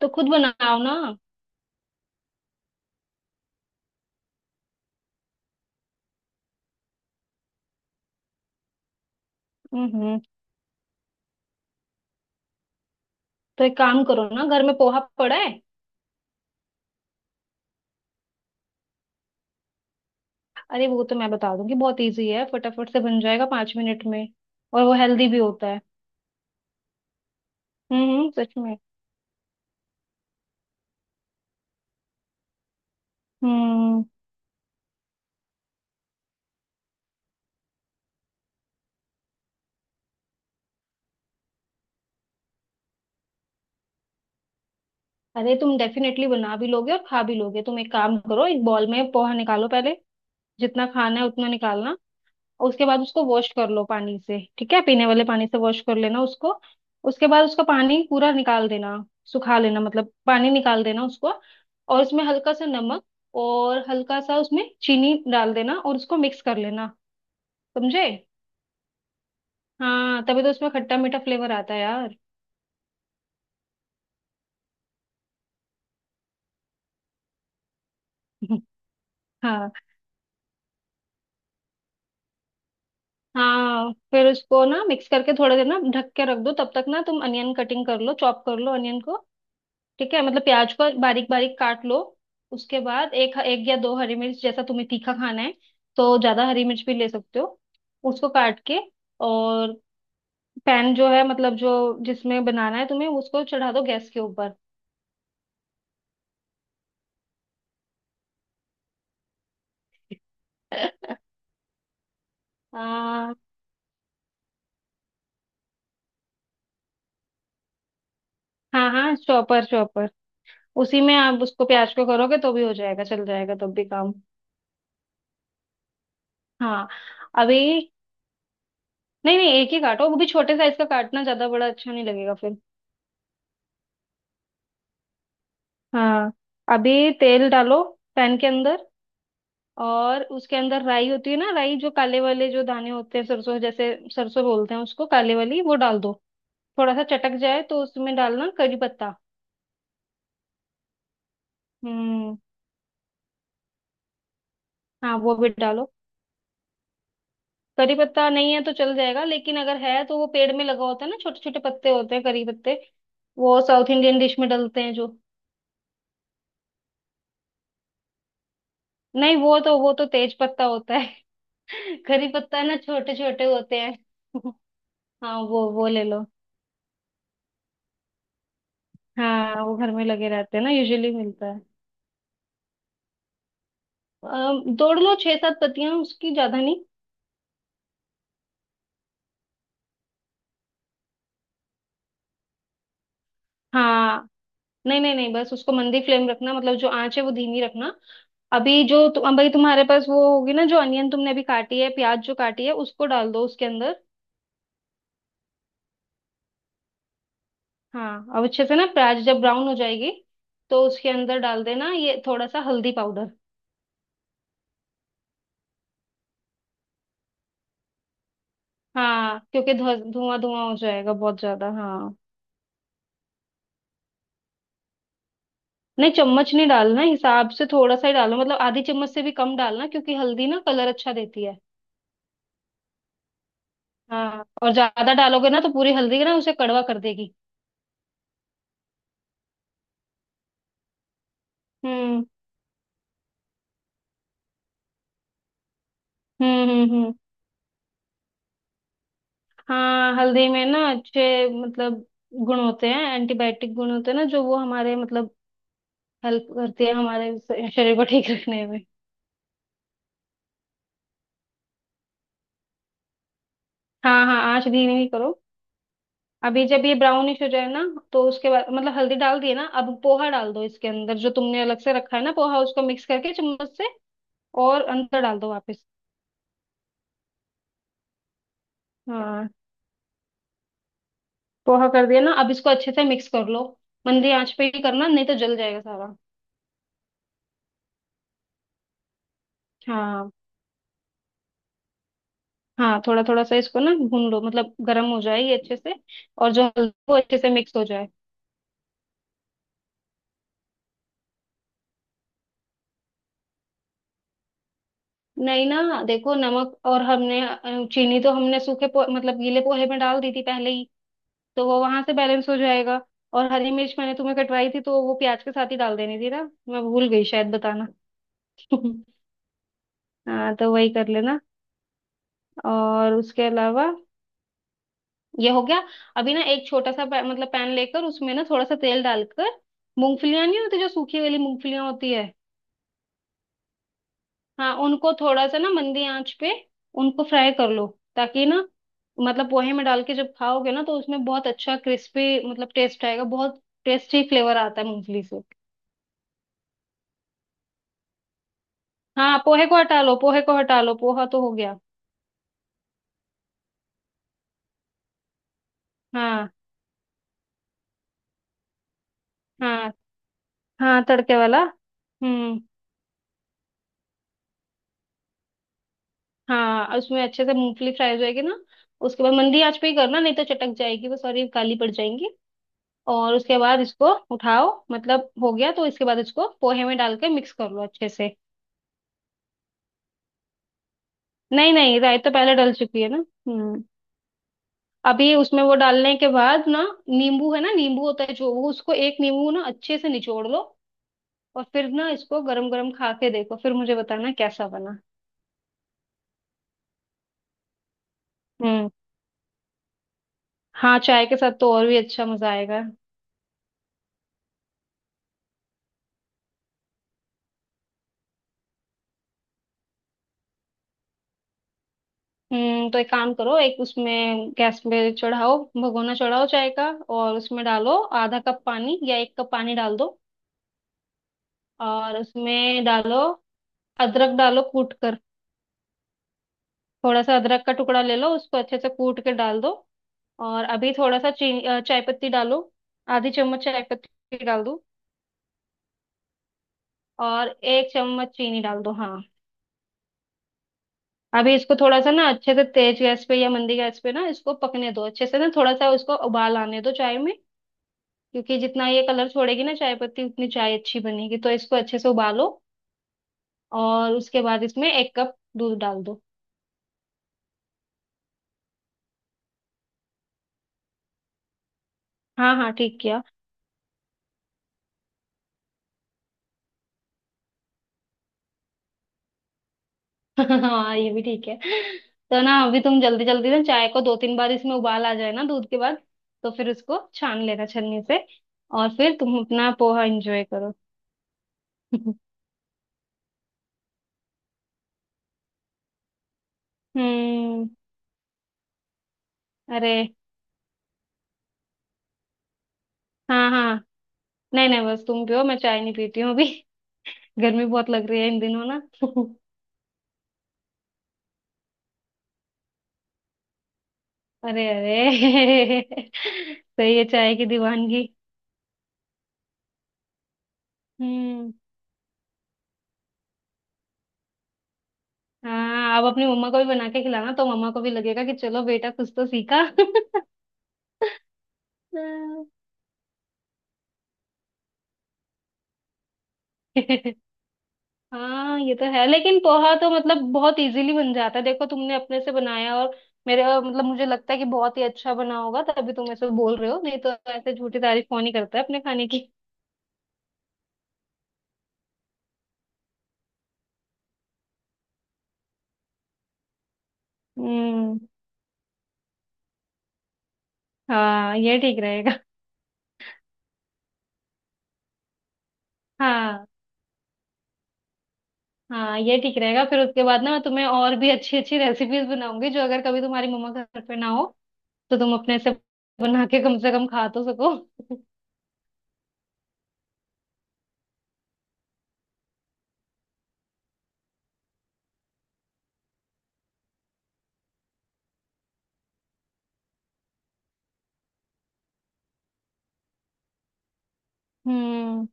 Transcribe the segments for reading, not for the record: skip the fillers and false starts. तो खुद बनाओ ना। हम्म तो एक काम करो ना, घर में पोहा पड़ा है। अरे वो तो मैं बता दूंगी, बहुत इजी है, फटाफट से बन जाएगा 5 मिनट में। और वो हेल्दी भी होता है। हम्म, सच में। हम्म। अरे तुम डेफिनेटली बना भी लोगे और खा भी लोगे। तुम एक काम करो, एक बॉल में पोहा निकालो पहले, जितना खाना है उतना निकालना। उसके बाद उसको वॉश कर लो पानी से, ठीक है? पीने वाले पानी से वॉश कर लेना उसको। उसके बाद उसका पानी पूरा निकाल देना, सुखा लेना, मतलब पानी निकाल देना उसको। और उसमें हल्का सा नमक और हल्का सा उसमें चीनी डाल देना और उसको मिक्स कर लेना। समझे? हाँ, तभी तो उसमें खट्टा मीठा फ्लेवर आता है यार। हाँ। हाँ फिर उसको ना मिक्स करके थोड़ा देर ना ढक के रख दो, तब तक ना तुम अनियन कटिंग कर लो, चॉप कर लो अनियन को। ठीक है? मतलब प्याज को बारीक बारीक काट लो। उसके बाद एक एक या दो हरी मिर्च, जैसा तुम्हें तीखा खाना है तो ज्यादा हरी मिर्च भी ले सकते हो। उसको काट के। और पैन जो है, मतलब जो जिसमें बनाना है तुम्हें उसको चढ़ा दो गैस के ऊपर। हाँ। हाँ हाँ चॉपर चॉपर। उसी में आप उसको प्याज को करोगे तो भी हो जाएगा, चल जाएगा तब भी काम। हाँ। अभी नहीं नहीं, एक ही काटो, वो भी छोटे साइज का काटना, ज्यादा बड़ा अच्छा नहीं लगेगा फिर। हाँ। अभी तेल डालो पैन के अंदर। और उसके अंदर राई होती है ना, राई जो काले वाले जो दाने होते हैं, सरसों जैसे, सरसों बोलते हैं उसको, काले वाली वो डाल दो। थोड़ा सा चटक जाए तो उसमें डालना करी पत्ता। हम्म। हाँ वो भी डालो। करी पत्ता नहीं है तो चल जाएगा, लेकिन अगर है तो वो पेड़ में लगा होता है ना, छोटे छोटे पत्ते होते हैं करी पत्ते। वो साउथ इंडियन डिश में डलते हैं जो। नहीं, वो तो तेज पत्ता होता है। करी पत्ता ना छोटे छोटे होते हैं। हाँ वो ले लो। हाँ वो घर में लगे रहते हैं ना, यूजुअली मिलता है। दौड़ लो छह सात पत्तियां उसकी, ज्यादा नहीं। हाँ। नहीं नहीं नहीं, बस उसको मंदी फ्लेम रखना, मतलब जो आंच है वो धीमी रखना। अभी जो अभी तुम्हारे पास वो होगी ना, जो अनियन तुमने अभी काटी है, प्याज जो काटी है, उसको डाल दो उसके अंदर। हाँ, अब अच्छे से ना प्याज जब ब्राउन हो जाएगी तो उसके अंदर डाल देना ये थोड़ा सा हल्दी पाउडर। हाँ, क्योंकि धुआं धुआं हो जाएगा बहुत ज्यादा, हाँ। नहीं चम्मच नहीं डालना, हिसाब से थोड़ा सा ही डालना, मतलब आधी चम्मच से भी कम डालना, क्योंकि हल्दी ना कलर अच्छा देती है। हाँ और ज्यादा डालोगे ना तो पूरी हल्दी ना उसे कड़वा कर देगी। हम्म। हम्म। हम्म। हम्म। हाँ हल्दी में ना अच्छे, मतलब गुण होते हैं, एंटीबायोटिक गुण होते हैं ना, जो वो हमारे मतलब हेल्प करती है हमारे शरीर को ठीक रखने में। हाँ हाँ, आँच धीमी ही करो। अभी जब ये ब्राउनिश हो जाए ना, तो उसके बाद मतलब हल्दी डाल दिए ना, अब पोहा डाल दो इसके अंदर, जो तुमने अलग से रखा है ना पोहा, उसको मिक्स करके चम्मच से और अंदर डाल दो वापस। हाँ। पोहा कर दिया ना, अब इसको अच्छे से मिक्स कर लो। मंदी आंच पे ही करना, नहीं तो जल जाएगा सारा। हाँ हाँ, थोड़ा थोड़ा सा इसको ना भून लो, मतलब गर्म हो जाए ये अच्छे से। और जो हल्दी वो अच्छे से मिक्स हो जाए। नहीं ना देखो, नमक और हमने चीनी तो हमने सूखे मतलब गीले पोहे में डाल दी थी पहले ही। तो वो वहां से बैलेंस हो जाएगा। और हरी मिर्च मैंने तुम्हें कटवाई थी तो वो प्याज के साथ ही डाल देनी थी ना। मैं भूल गई शायद बताना। हाँ तो वही कर लेना। और उसके अलावा ये हो गया। अभी ना एक छोटा सा मतलब पैन लेकर उसमें ना थोड़ा सा तेल डालकर, मूंगफलियां नहीं होती जो सूखी वाली मूंगफलियां होती है। हाँ उनको थोड़ा सा ना मंदी आंच पे उनको फ्राई कर लो, ताकि ना मतलब पोहे में डाल के जब खाओगे ना तो उसमें बहुत अच्छा क्रिस्पी मतलब टेस्ट आएगा, बहुत टेस्टी फ्लेवर आता है मूंगफली से। हाँ पोहे को हटा लो, पोहे को हटा लो, पोहा तो हो गया। हाँ। हाँ हाँ तड़के वाला। हम्म। हाँ और उसमें अच्छे से मूंगफली फ्राई हो जाएगी ना, उसके बाद मंदी आंच पे ही करना, नहीं तो चटक जाएगी वो, सॉरी, काली पड़ जाएंगी। और उसके बाद इसको उठाओ, मतलब हो गया तो इसके बाद इसको पोहे में डाल के मिक्स कर लो अच्छे से। नहीं नहीं, राई तो पहले डल चुकी है ना। हम्म। अभी उसमें वो डालने के बाद ना नींबू है ना, नींबू होता है जो, वो उसको एक नींबू ना अच्छे से निचोड़ लो। और फिर ना इसको गरम गरम खा के देखो, फिर मुझे बताना कैसा बना। हम्म। हाँ चाय के साथ तो और भी अच्छा मजा आएगा। तो एक काम करो, एक उसमें गैस पे चढ़ाओ, भगोना चढ़ाओ चाय का। और उसमें डालो 1/2 कप पानी या 1 कप पानी डाल दो। और उसमें डालो अदरक, डालो कूट कर। थोड़ा सा अदरक का टुकड़ा ले लो उसको अच्छे से कूट के डाल दो। और अभी थोड़ा सा चीनी, चाय पत्ती डालो, 1/2 चम्मच चाय पत्ती डाल दो। और 1 चम्मच चीनी डाल दो, हाँ। अभी इसको थोड़ा सा ना अच्छे से तेज गैस पे या मंदी गैस पे ना इसको पकने दो अच्छे से ना, थोड़ा सा उसको उबाल आने दो चाय में। क्योंकि जितना ये कलर छोड़ेगी ना चाय पत्ती, उतनी चाय अच्छी बनेगी, तो इसको अच्छे से उबालो। और उसके बाद इसमें 1 कप दूध डाल दो। हाँ हाँ, ठीक किया। हाँ ये भी ठीक है। तो ना अभी तुम जल्दी जल्दी ना चाय को दो तीन बार इसमें उबाल आ जाए ना दूध के बाद, तो फिर उसको छान लेना छन्नी से। और फिर तुम अपना पोहा एंजॉय करो। हम्म। अरे। हाँ हाँ, नहीं नहीं, बस तुम पियो, मैं चाय नहीं पीती हूँ अभी। गर्मी बहुत लग रही है इन दिनों ना। अरे अरे। सही है चाय की दीवानगी। हम्म। हाँ अब अपनी मम्मा को भी बना के खिलाना तो मम्मा को भी लगेगा कि चलो बेटा कुछ तो सीखा। हाँ। हाँ, ये तो है लेकिन पोहा तो मतलब बहुत इजीली बन जाता है, देखो तुमने अपने से बनाया, और मेरे मतलब मुझे लगता है कि बहुत ही अच्छा बना होगा, तभी तुम ऐसे बोल रहे हो, नहीं तो ऐसे झूठी तारीफ कौन ही करता है अपने खाने की। हम्म। हाँ ये ठीक रहेगा। हाँ हाँ ये ठीक रहेगा, फिर उसके बाद ना मैं तुम्हें और भी अच्छी अच्छी रेसिपीज बनाऊंगी, जो अगर कभी तुम्हारी मम्मा घर पे ना हो तो तुम अपने से बना के कम से कम खा तो सको। हम्म।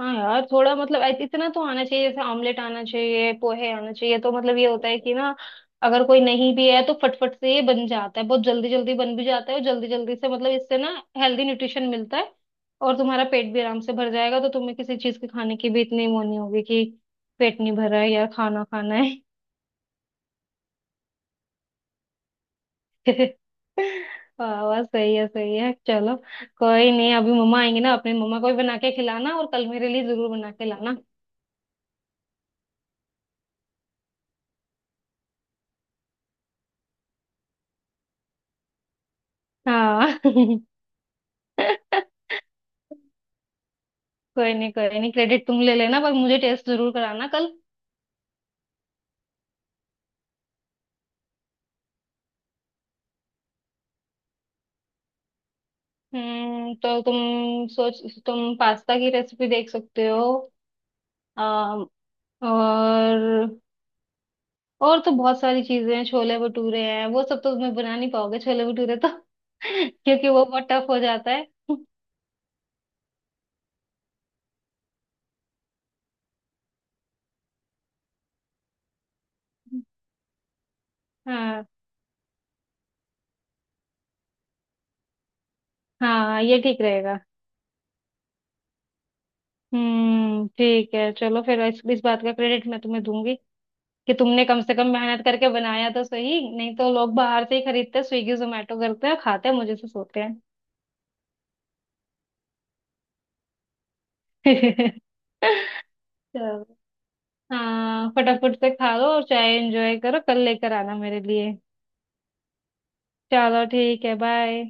हाँ यार थोड़ा मतलब, इतना तो आना चाहिए, जैसे ऑमलेट आना चाहिए, पोहे आना चाहिए, तो मतलब ये होता है कि ना अगर कोई नहीं भी है तो फटफट से ये बन जाता है, बहुत जल्दी जल्दी बन भी जाता है, और जल्दी जल्दी से मतलब इससे ना हेल्दी न्यूट्रिशन मिलता है और तुम्हारा पेट भी आराम से भर जाएगा। तो तुम्हें किसी चीज के खाने की भी इतनी वो नहीं होगी कि पेट नहीं भरा है या खाना खाना है। वाह वाह, सही है, सही है, चलो। कोई नहीं, अभी मम्मा आएंगे ना, अपनी मम्मा को भी बना के खिलाना और कल मेरे लिए जरूर बना के लाना। हाँ। कोई नहीं, कोई नहीं, क्रेडिट तुम ले लेना पर मुझे टेस्ट जरूर कराना कल। तो तुम सोच, तुम पास्ता की रेसिपी देख सकते हो। अम, और और तो बहुत सारी चीजें हैं, छोले भटूरे हैं, वो सब तो मैं बना नहीं पाओगे छोले भटूरे तो। क्योंकि वो बहुत टफ हो जाता है। हाँ हाँ ये ठीक रहेगा। ठीक है चलो। फिर इस बात का क्रेडिट मैं तुम्हें दूंगी कि तुमने कम से कम मेहनत करके बनाया तो सही, नहीं तो लोग बाहर से ही खरीदते, स्विगी जोमेटो करते हैं, खाते हैं मुझे से सोते हैं। चलो। हाँ फटाफट से खा लो और चाय एंजॉय करो, कल लेकर आना मेरे लिए। चलो ठीक है, बाय।